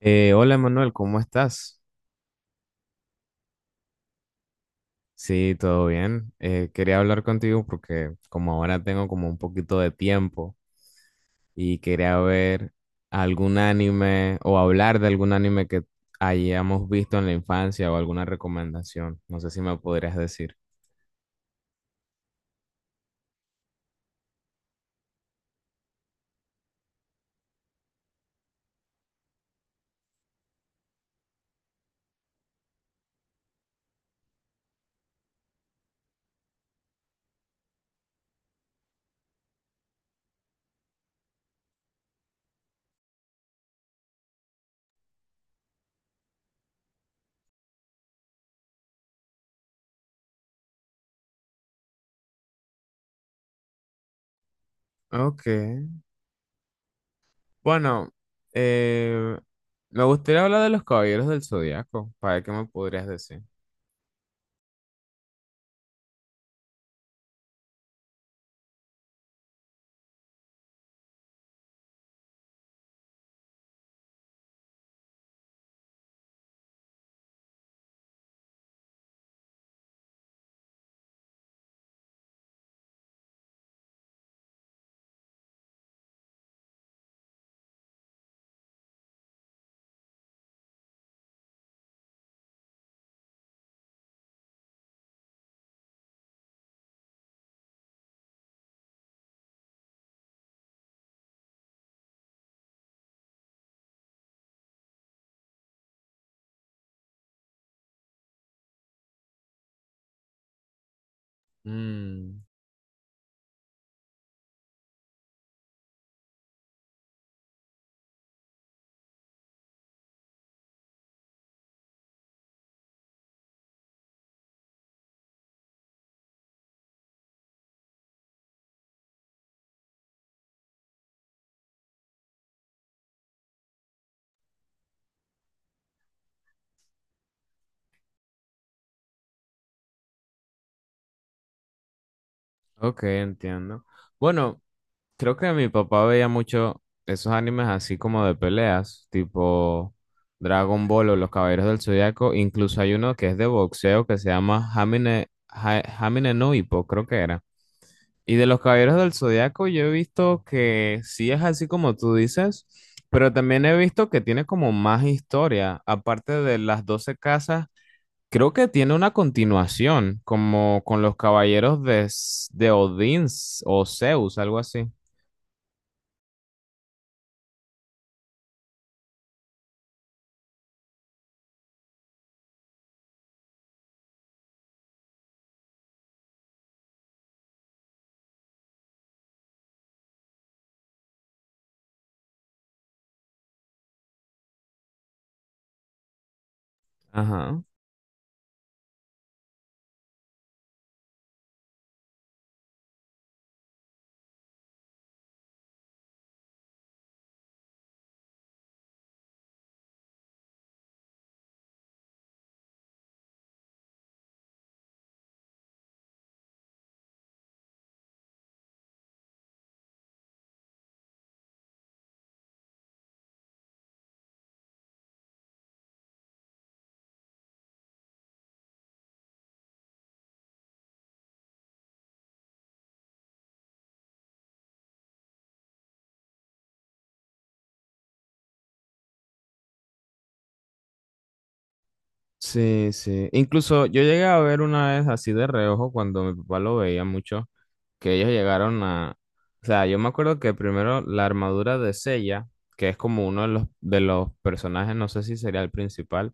Hola Manuel, ¿cómo estás? Sí, todo bien. Quería hablar contigo porque como ahora tengo como un poquito de tiempo y quería ver algún anime o hablar de algún anime que hayamos visto en la infancia o alguna recomendación. No sé si me podrías decir. Ok. Bueno, eh, me gustaría hablar de los Caballeros del Zodiaco. ¿Para qué me podrías decir? Mm, ok, entiendo. Bueno. Creo que mi papá veía mucho esos animes así como de peleas, tipo Dragon Ball o Los Caballeros del Zodiaco. Incluso hay uno que es de boxeo que se llama Hamine, Hamine no Ippo, creo que era. Y de Los Caballeros del Zodiaco yo he visto que sí es así como tú dices, pero también he visto que tiene como más historia. Aparte de las 12 casas, creo que tiene una continuación, como con los Caballeros de, de Odín o Zeus, algo así. Ajá. Sí, sí. Incluso yo llegué a ver una vez así de reojo cuando mi papá lo veía mucho, que ellos llegaron a. O sea, yo me acuerdo que primero la armadura de Sella, que es como uno de los personajes, no sé si sería el principal,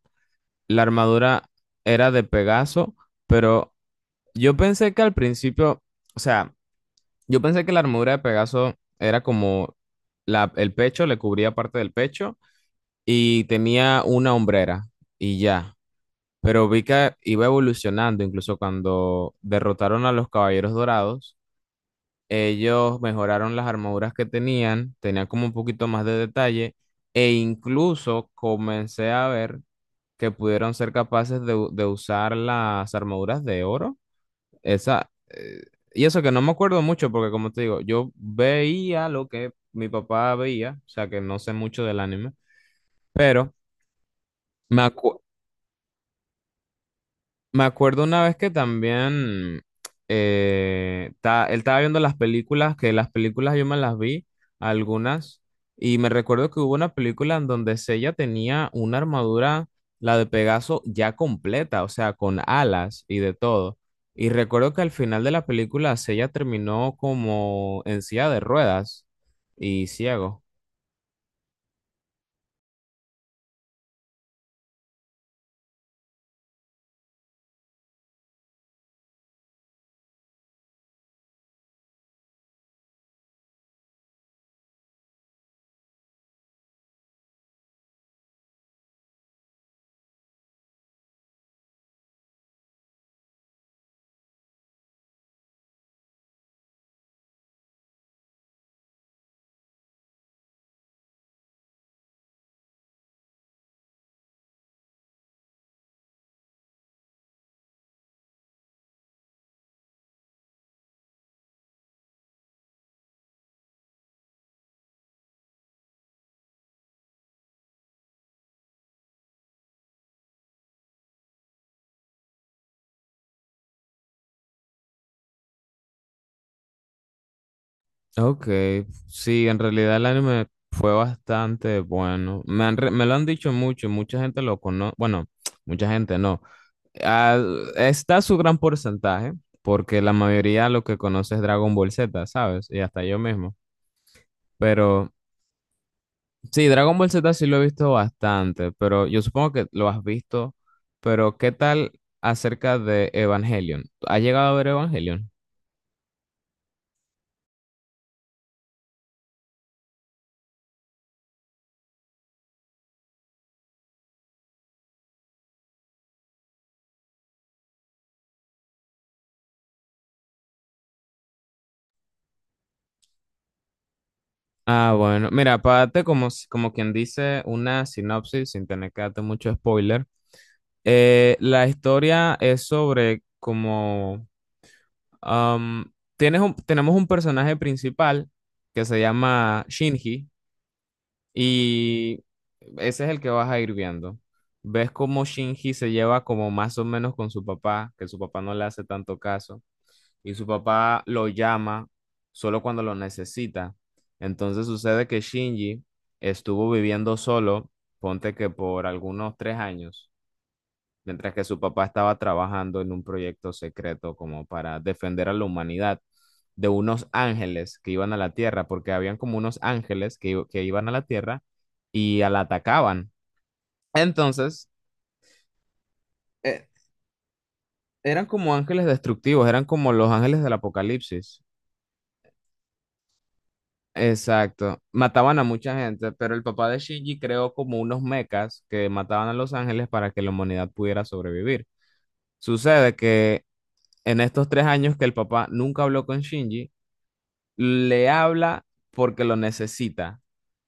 la armadura era de Pegaso, pero yo pensé que al principio, o sea, yo pensé que la armadura de Pegaso era como la, el pecho, le cubría parte del pecho y tenía una hombrera y ya. Pero vi que iba evolucionando, incluso cuando derrotaron a los Caballeros Dorados, ellos mejoraron las armaduras que tenían, tenían como un poquito más de detalle, e incluso comencé a ver que pudieron ser capaces de, de usar las armaduras de oro. Esa, eh, y eso que no me acuerdo mucho, porque como te digo, yo veía lo que mi papá veía, o sea que no sé mucho del anime, pero. Me acu- Me acuerdo una vez que también él estaba viendo las películas, que las películas yo me las vi, algunas, y me recuerdo que hubo una película en donde Sella tenía una armadura, la de Pegaso, ya completa, o sea, con alas y de todo. Y recuerdo que al final de la película Sella terminó como en silla de ruedas y ciego. Ok, sí, en realidad el anime fue bastante bueno. Me lo han dicho mucho, mucha gente lo conoce, bueno, mucha gente no. Ah, está su gran porcentaje, porque la mayoría lo que conoce es Dragon Ball Z, ¿sabes? Y hasta yo mismo. Pero sí, Dragon Ball Z sí lo he visto bastante, pero yo supongo que lo has visto. Pero ¿qué tal acerca de Evangelion? ¿Has llegado a ver Evangelion? Ah, bueno, mira, para darte como, como quien dice una sinopsis, sin tener que darte mucho spoiler, la historia es sobre como tenemos un personaje principal que se llama Shinji y ese es el que vas a ir viendo. Ves cómo Shinji se lleva como más o menos con su papá, que su papá no le hace tanto caso y su papá lo llama solo cuando lo necesita. Entonces sucede que Shinji estuvo viviendo solo, ponte que por algunos 3 años, mientras que su papá estaba trabajando en un proyecto secreto como para defender a la humanidad de unos ángeles que iban a la Tierra, porque habían como unos ángeles que iban a la Tierra y a la atacaban. Entonces, eh, eran como ángeles destructivos, eran como los ángeles del apocalipsis. Exacto. Mataban a mucha gente, pero el papá de Shinji creó como unos mechas que mataban a los ángeles para que la humanidad pudiera sobrevivir. Sucede que en estos 3 años que el papá nunca habló con Shinji, le habla porque lo necesita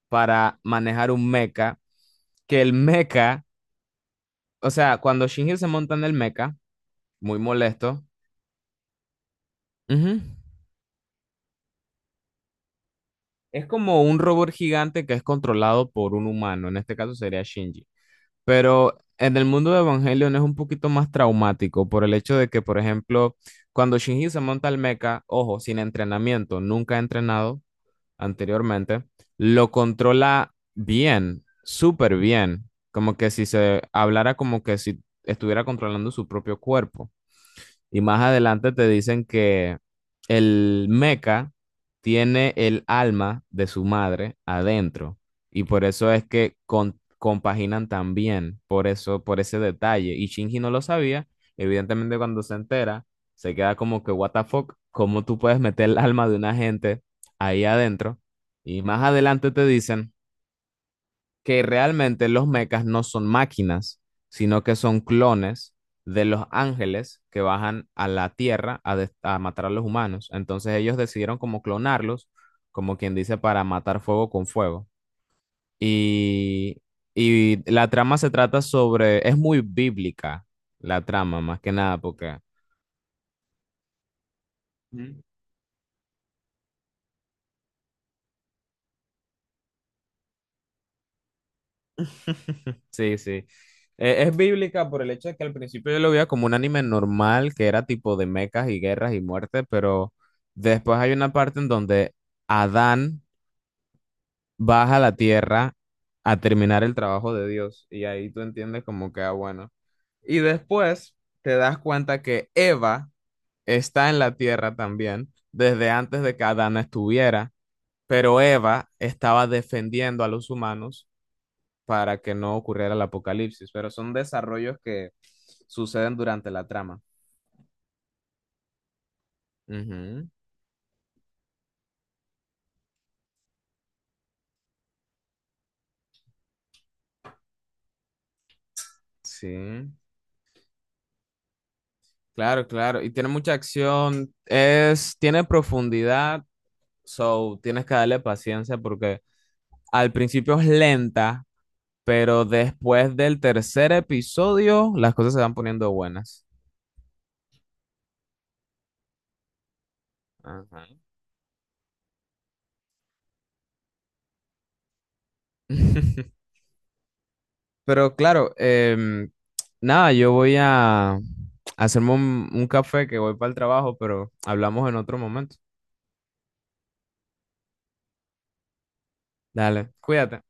para manejar un mecha, que el mecha, o sea, cuando Shinji se monta en el mecha, muy molesto, ujú, es como un robot gigante que es controlado por un humano, en este caso sería Shinji. Pero en el mundo de Evangelion es un poquito más traumático por el hecho de que, por ejemplo, cuando Shinji se monta al mecha, ojo, sin entrenamiento, nunca ha entrenado anteriormente, lo controla bien, súper bien, como que si se hablara como que si estuviera controlando su propio cuerpo. Y más adelante te dicen que el meca tiene el alma de su madre adentro. Y por eso es que compaginan tan bien por eso, por ese detalle. Y Shinji no lo sabía. Evidentemente, cuando se entera, se queda como que, what the fuck, ¿cómo tú puedes meter el alma de una gente ahí adentro? Y más adelante te dicen que realmente los mechas no son máquinas, sino que son clones de los ángeles que bajan a la tierra a, a matar a los humanos. Entonces ellos decidieron como clonarlos, como quien dice, para matar fuego con fuego. Y, y la trama se trata sobre, es muy bíblica la trama, más que nada, porque. Mm. Sí, sí. Es bíblica por el hecho de que al principio yo lo veía como un anime normal, que era tipo de mechas y guerras y muerte, pero después hay una parte en donde Adán baja a la tierra a terminar el trabajo de Dios y ahí tú entiendes como que, ah, bueno. Y después te das cuenta que Eva está en la tierra también, desde antes de que Adán estuviera, pero Eva estaba defendiendo a los humanos para que no ocurriera el apocalipsis, pero son desarrollos que suceden durante la trama. Ujú, sí, claro, claro. Y tiene mucha acción, es, tiene profundidad, so tienes que darle paciencia porque al principio es lenta, pero después del tercer episodio las cosas se van poniendo buenas. Ajá. Pero claro, nada, yo voy a hacerme un café que voy para el trabajo, pero hablamos en otro momento. Dale, cuídate.